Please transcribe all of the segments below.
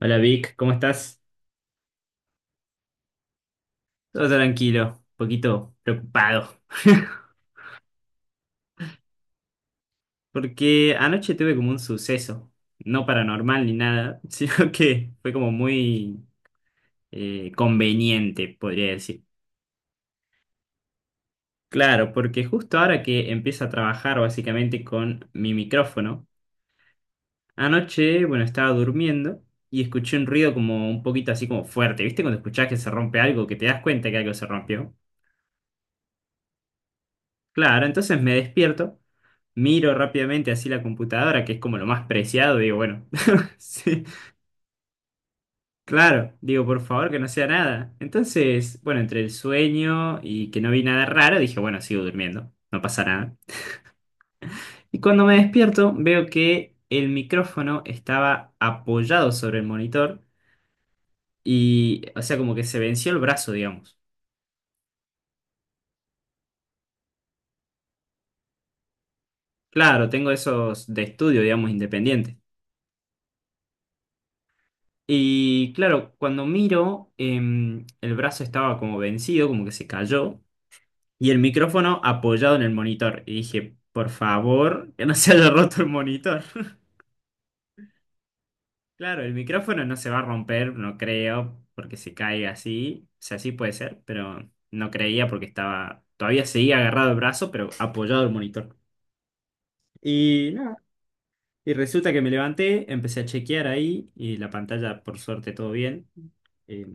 Hola Vic, ¿cómo estás? Todo tranquilo, un poquito preocupado. Porque anoche tuve como un suceso, no paranormal ni nada, sino que fue como muy conveniente, podría decir. Claro, porque justo ahora que empiezo a trabajar básicamente con mi micrófono, anoche, bueno, estaba durmiendo y escuché un ruido como un poquito así como fuerte. ¿Viste cuando escuchás que se rompe algo, que te das cuenta que algo se rompió? Claro, entonces me despierto, miro rápidamente así la computadora, que es como lo más preciado, digo, bueno, sí, claro, digo, por favor que no sea nada. Entonces, bueno, entre el sueño y que no vi nada raro, dije, bueno, sigo durmiendo, no pasa nada. Y cuando me despierto, veo que el micrófono estaba apoyado sobre el monitor y, o sea, como que se venció el brazo, digamos. Claro, tengo esos de estudio, digamos, independientes. Y claro, cuando miro, el brazo estaba como vencido, como que se cayó, y el micrófono apoyado en el monitor. Y dije, por favor, que no se haya roto el monitor. Claro, el micrófono no se va a romper, no creo, porque se cae así. O sea, sí puede ser, pero no creía porque estaba, todavía seguía agarrado el brazo, pero apoyado el monitor. Y nada, y resulta que me levanté, empecé a chequear ahí y la pantalla, por suerte, todo bien. Eh,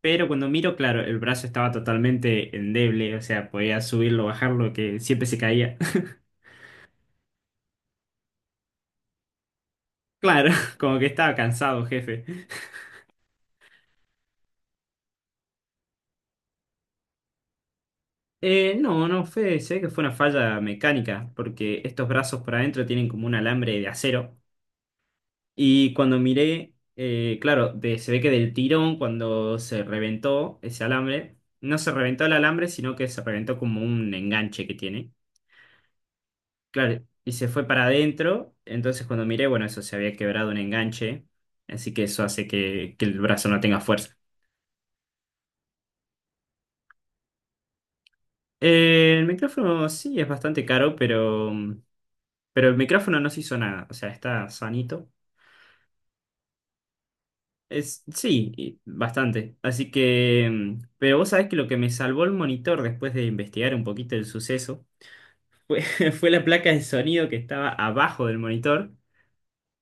pero cuando miro, claro, el brazo estaba totalmente endeble, o sea, podía subirlo, bajarlo, que siempre se caía. Claro, como que estaba cansado, jefe. No, no, sé que fue una falla mecánica, porque estos brazos por adentro tienen como un alambre de acero. Y cuando miré, claro, se ve que del tirón, cuando se reventó ese alambre, no se reventó el alambre, sino que se reventó como un enganche que tiene. Claro, y se fue para adentro. Entonces cuando miré, bueno, eso se había quebrado un enganche. Así que eso hace que el brazo no tenga fuerza. El micrófono sí es bastante caro, pero el micrófono no se hizo nada. O sea, está sanito. Es, sí, y bastante. Así que, pero vos sabés que lo que me salvó el monitor después de investigar un poquito el suceso fue, fue la placa de sonido que estaba abajo del monitor,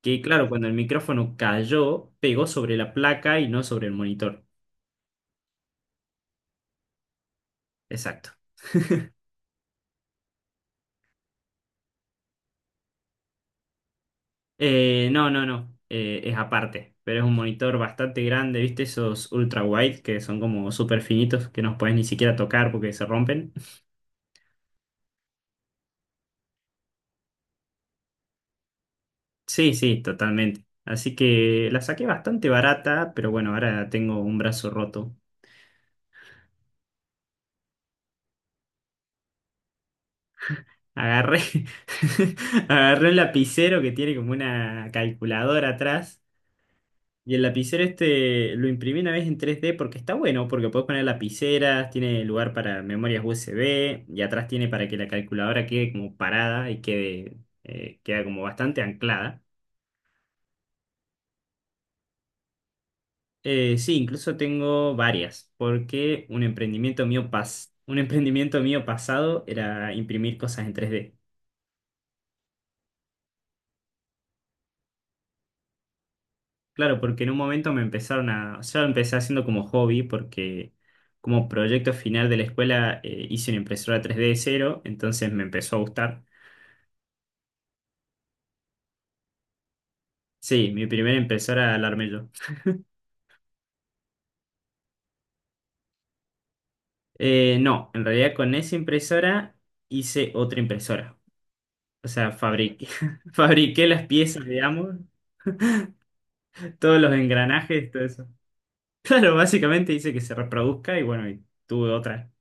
que claro, cuando el micrófono cayó, pegó sobre la placa y no sobre el monitor. Exacto. No, no, no, es aparte, pero es un monitor bastante grande, ¿viste? Esos ultra wide que son como súper finitos que no puedes ni siquiera tocar porque se rompen. Sí, sí, totalmente. Así que la saqué bastante barata, pero bueno, ahora tengo un brazo roto. Agarré, agarré un lapicero que tiene como una calculadora atrás. Y el lapicero este lo imprimí una vez en 3D porque está bueno, porque puedes poner lapiceras, tiene lugar para memorias USB y atrás tiene para que la calculadora quede como parada y quede, queda como bastante anclada. Sí, incluso tengo varias, porque un emprendimiento mío pasado era imprimir cosas en 3D. Claro, porque en un momento yo empecé haciendo como hobby, porque como proyecto final de la escuela hice una impresora 3D de cero, entonces me empezó a gustar. Sí, mi primera impresora la armé yo. No, en realidad con esa impresora hice otra impresora. O sea, fabriqué, fabriqué las piezas, digamos, todos los engranajes, todo eso. Claro, básicamente dice que se reproduzca y bueno, y tuve otra.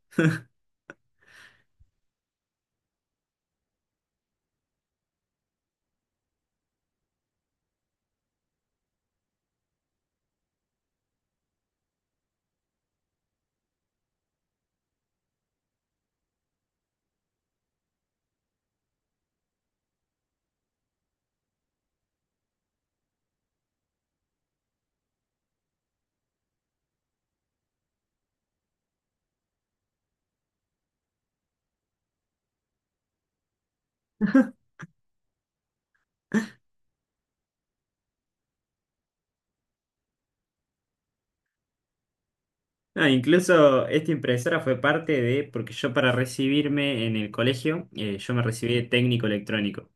No, incluso esta impresora fue parte de, porque yo para recibirme en el colegio, yo me recibí de técnico electrónico.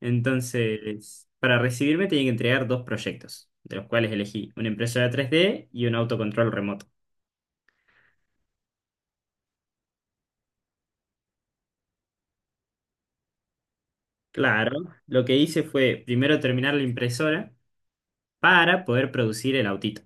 Entonces, para recibirme tenía que entregar dos proyectos, de los cuales elegí una impresora 3D y un autocontrol remoto. Claro, lo que hice fue primero terminar la impresora para poder producir el autito.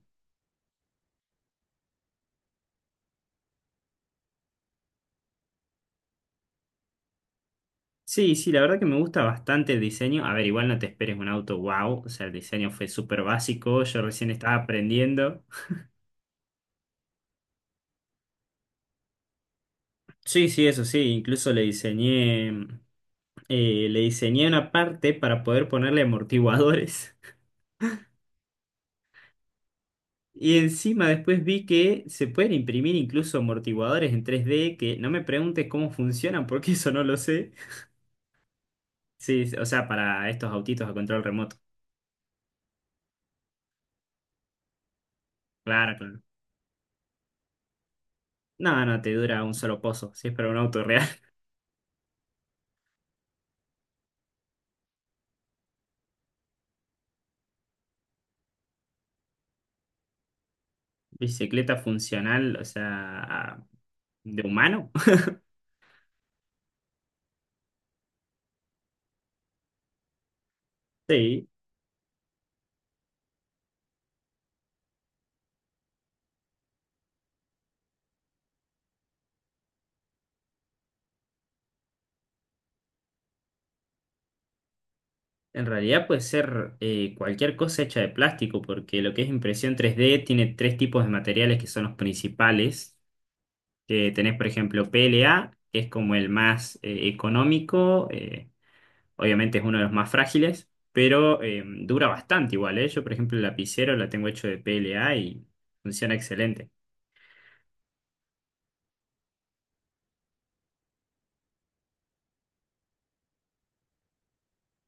Sí, sí, la verdad que me gusta bastante el diseño. A ver, igual no te esperes un auto wow, o sea, el diseño fue súper básico, yo recién estaba aprendiendo. Sí, sí, eso sí, incluso le diseñé una parte para poder ponerle amortiguadores. Y encima después vi que se pueden imprimir incluso amortiguadores en 3D, que no me preguntes cómo funcionan, porque eso no lo sé. Sí, o sea, para estos autitos a control remoto. Claro, claro. No, no, te dura un solo pozo, si es para un auto real. Bicicleta funcional, o sea, de humano. Sí, en realidad puede ser cualquier cosa hecha de plástico, porque lo que es impresión 3D tiene tres tipos de materiales que son los principales. Que tenés, por ejemplo, PLA, que es como el más económico, obviamente es uno de los más frágiles, pero dura bastante igual, ¿eh? Yo, por ejemplo, el lapicero la tengo hecho de PLA y funciona excelente.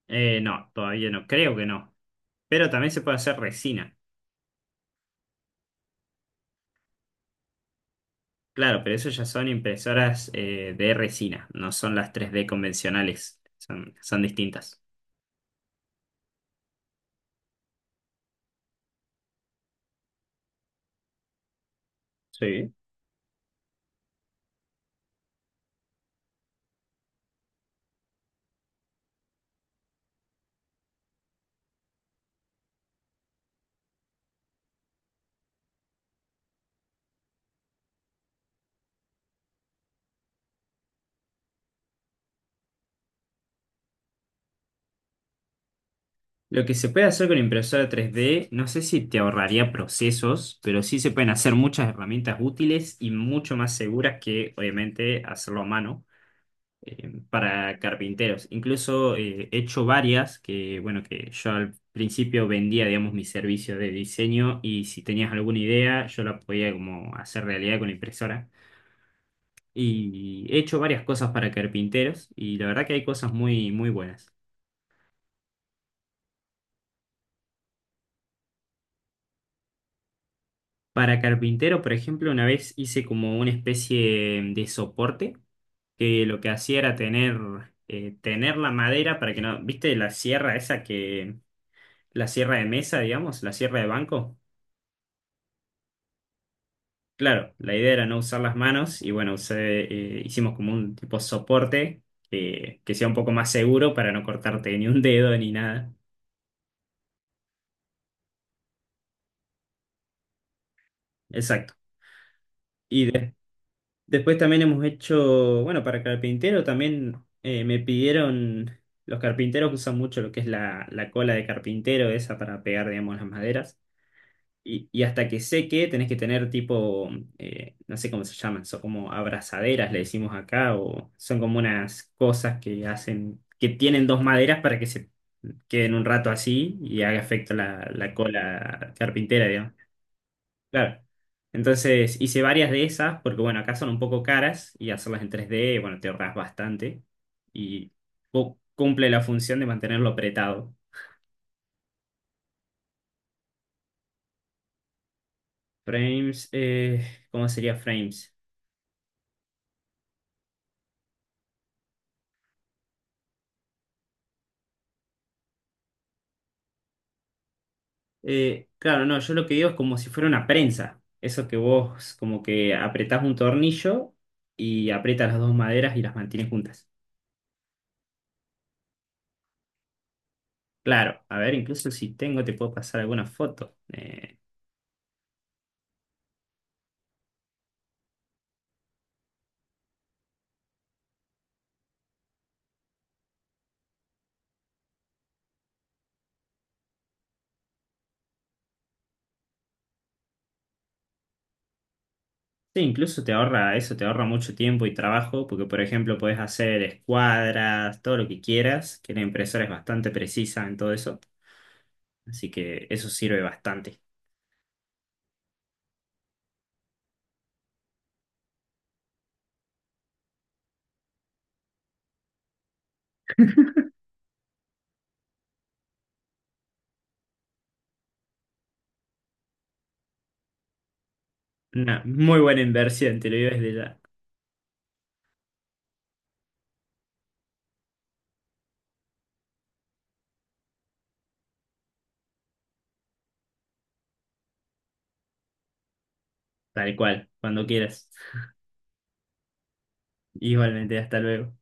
No, todavía no, creo que no. Pero también se puede hacer resina. Claro, pero eso ya son impresoras de resina, no son las 3D convencionales, son, son distintas. Sí. Lo que se puede hacer con impresora 3D, no sé si te ahorraría procesos, pero sí se pueden hacer muchas herramientas útiles y mucho más seguras que, obviamente, hacerlo a mano para carpinteros. Incluso he hecho varias que, bueno, que yo al principio vendía, digamos, mi servicio de diseño y si tenías alguna idea, yo la podía como hacer realidad con la impresora. Y he hecho varias cosas para carpinteros y la verdad que hay cosas muy, muy buenas. Para carpintero, por ejemplo, una vez hice como una especie de soporte que lo que hacía era tener, tener la madera para que no, ¿viste la sierra esa que, la sierra de mesa, digamos, la sierra de banco? Claro, la idea era no usar las manos y bueno, usé, hicimos como un tipo soporte que sea un poco más seguro para no cortarte ni un dedo ni nada. Exacto. Después también hemos hecho, bueno, para carpintero también me pidieron, los carpinteros usan mucho lo que es la cola de carpintero, esa para pegar, digamos, las maderas. Y hasta que seque tenés que tener tipo, no sé cómo se llaman, son como abrazaderas, le decimos acá, o son como unas cosas que hacen, que tienen dos maderas para que se queden un rato así y haga efecto la cola carpintera, digamos. Claro. Entonces hice varias de esas, porque bueno, acá son un poco caras y hacerlas en 3D bueno, te ahorras bastante y cumple la función de mantenerlo apretado. Frames, ¿cómo sería frames? Claro, no, yo lo que digo es como si fuera una prensa. Eso que vos como que apretás un tornillo y aprietas las dos maderas y las mantienes juntas. Claro, a ver, incluso si tengo, te puedo pasar alguna foto. Sí, incluso te ahorra eso, te ahorra mucho tiempo y trabajo, porque por ejemplo podés hacer escuadras, todo lo que quieras, que la impresora es bastante precisa en todo eso, así que eso sirve bastante. Una muy buena inversión, te lo digo desde ya, tal cual, cuando quieras. Igualmente, hasta luego.